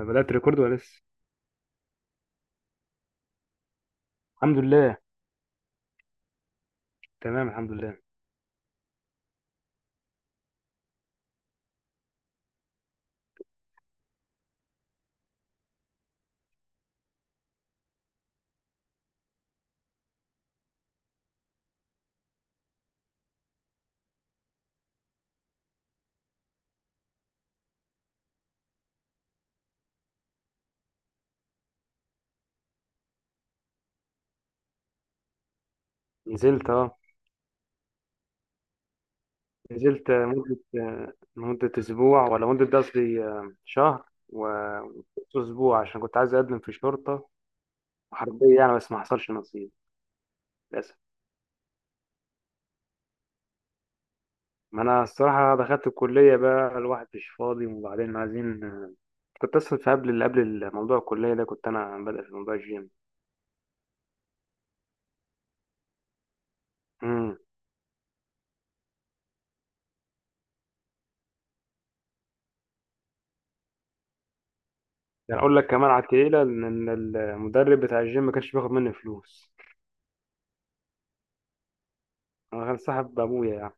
بدأت ريكورد ولا لسه؟ الحمد لله. تمام، الحمد لله. نزلت اه. نزلت، مدة، مدة أسبوع، ولا مدة، ده قصدي، شهر وأسبوع، عشان كنت عايز أقدم في شرطة وحربية يعني، بس ما حصلش نصيب للأسف. ما أنا الصراحة دخلت الكلية بقى، الواحد مش فاضي، وبعدين عايزين. كنت أصلا في، قبل موضوع الكلية ده، كنت أنا بادئ في موضوع الجيم. امم يعني أقول لك كمان على التقيلة، إن المدرب بتاع الجيم ما كانش بياخد مني فلوس. أنا كان صاحب أبويا يعني.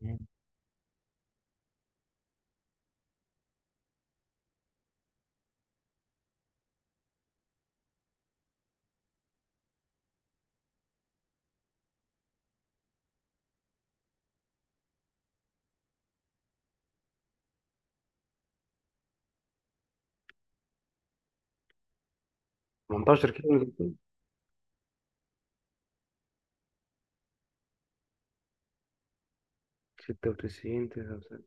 مم. 18 كيلو. 96، 99،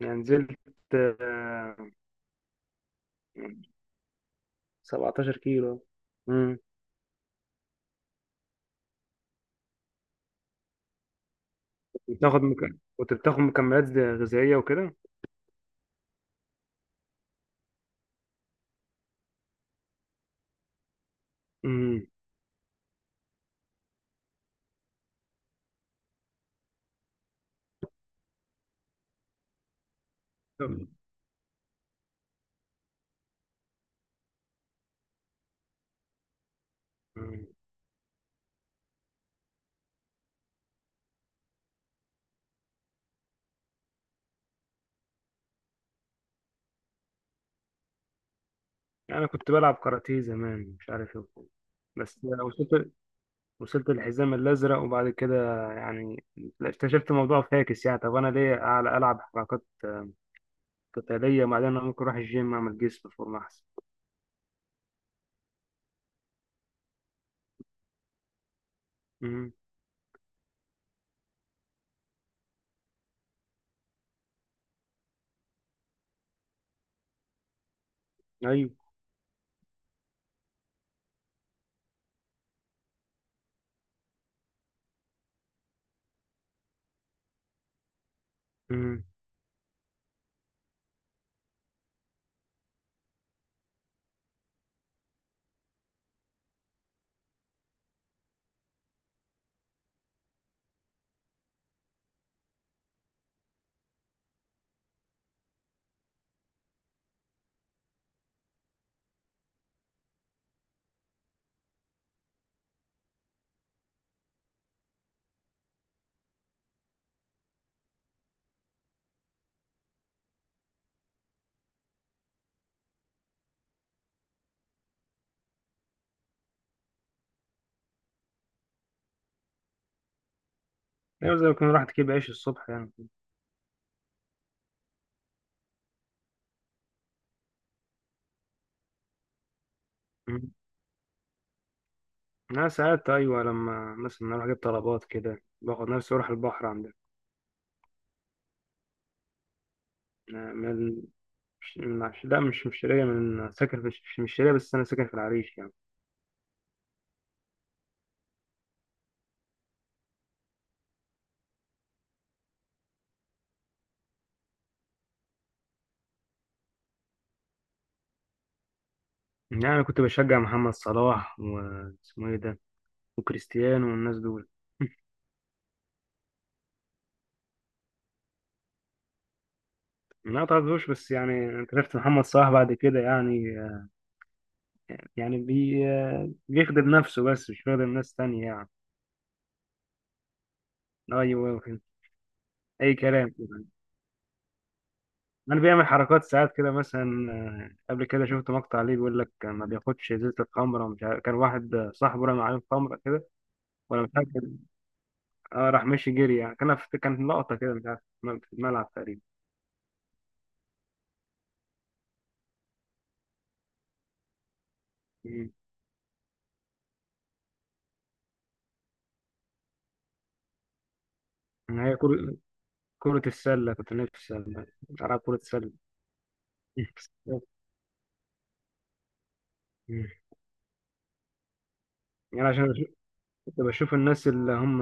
يعني نزلت، آه، 17 كيلو. امم بتاخد مكمل كنت بتاخد مكملات غذائية وكده؟ امم. طب. مم. يعني كنت بلعب كاراتيه زمان، مش عارف ايه وكده. بس وصلت، الحزام الأزرق، وبعد كده يعني اكتشفت الموضوع فاكس. يعني طب، أنا ليه أعلى ألعب حركات قتالية، وبعدين أنا ممكن أروح الجيم أعمل جسم فورمة أحسن. امم. أيوه. امم. أيوه، زي ما كنا راحت كده بعيش الصبح يعني. أنا ساعات أيوة، لما مثلا أروح أجيب طلبات كده، باخد نفسي أروح البحر عندنا. أنا من من لا، مش شرقية، من ساكن في مش شرقية، بس أنا ساكن في العريش يعني. يعني أنا كنت بشجع محمد صلاح واسمه إيه ده، وكريستيانو والناس دول. ما تعرفوش، بس يعني أنت شفت محمد صلاح بعد كده يعني، يعني بي بيخدم نفسه، بس مش بيخدم ناس تانية يعني. أيوة. أي كلام. انا بيعمل حركات ساعات كده، مثلا قبل كده شفت مقطع ليه، بيقول لك ما بياخدش ازازه الخمره، مش عارف كان واحد، صاحبه رمى عليه خمره كده، ولا مش عارف اه راح مشي جري يعني، كان لقطه كده مش عارف في الملعب تقريبا. مم. هي كرة كرة السلة كنت نفسي ألعب كرة سلة. مم. يعني عشان كنت بشوف الناس اللي هم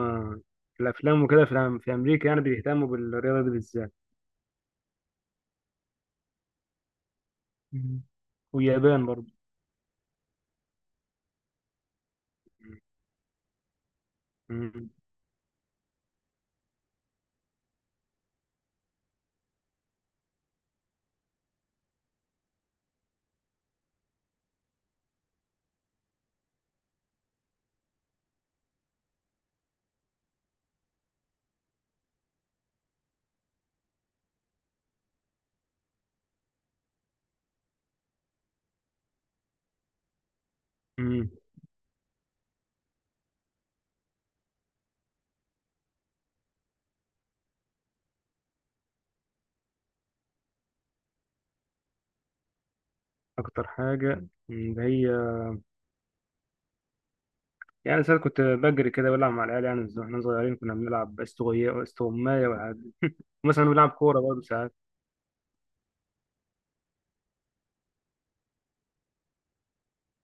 في الأفلام وكده، في في أمريكا، يعني بيهتموا بالرياضة دي بالذات. مم. واليابان برضه. مم. مم. أكتر حاجة اللي هي، يعني ساعات كنت بجري كده، بلعب مع العيال يعني، واحنا صغيرين كنا بنلعب استغماية والحاجات دي. مثلا بنلعب كورة برضه ساعات.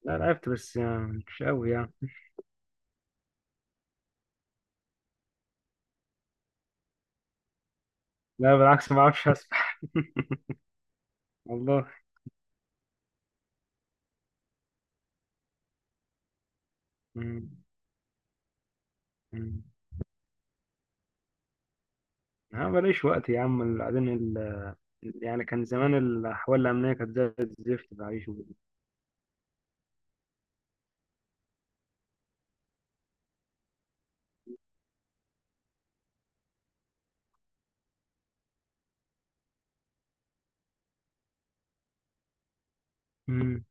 لا لعبت، بس يعني مش قوي يعني. لا بالعكس، ما بعرفش أسبح. والله. مم. مم. أنا ماليش وقت يا عم، بعدين. يعني كان زمان الأحوال الأمنية كانت زي الزفت بعيش وكده. مم.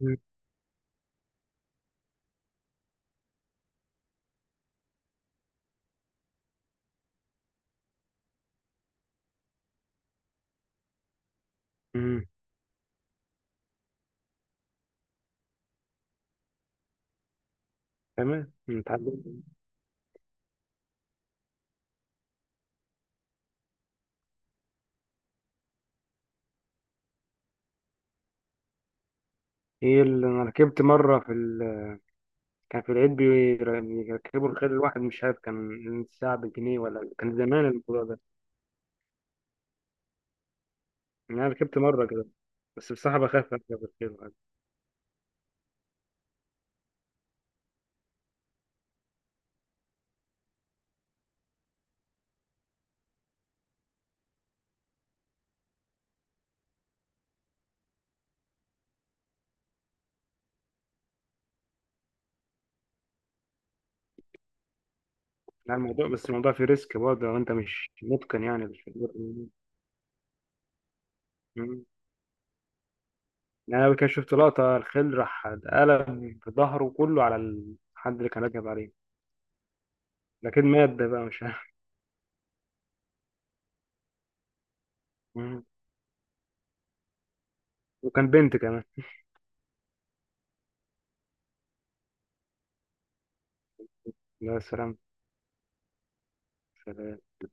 مم. مم. تمام اتعلمت. ايه اللي انا ركبت مره في. كان في العيد بيركبوا الخيل، الواحد مش عارف كان الساعه بجنيه، ولا كان زمان الموضوع ده. يعني انا ركبت مره كده، بس بصراحه بخاف اركب الخيل يعني. يعني الموضوع بس الموضوع فيه ريسك برضه، لو انت مش متقن يعني، مش. مم. يعني انا كان شفت لقطه، الخيل راح اتقلب ظهره كله على الحد اللي كان راكب عليه، لكن مات ده بقى مش عارف. مم. وكان بنت كمان. يا سلام.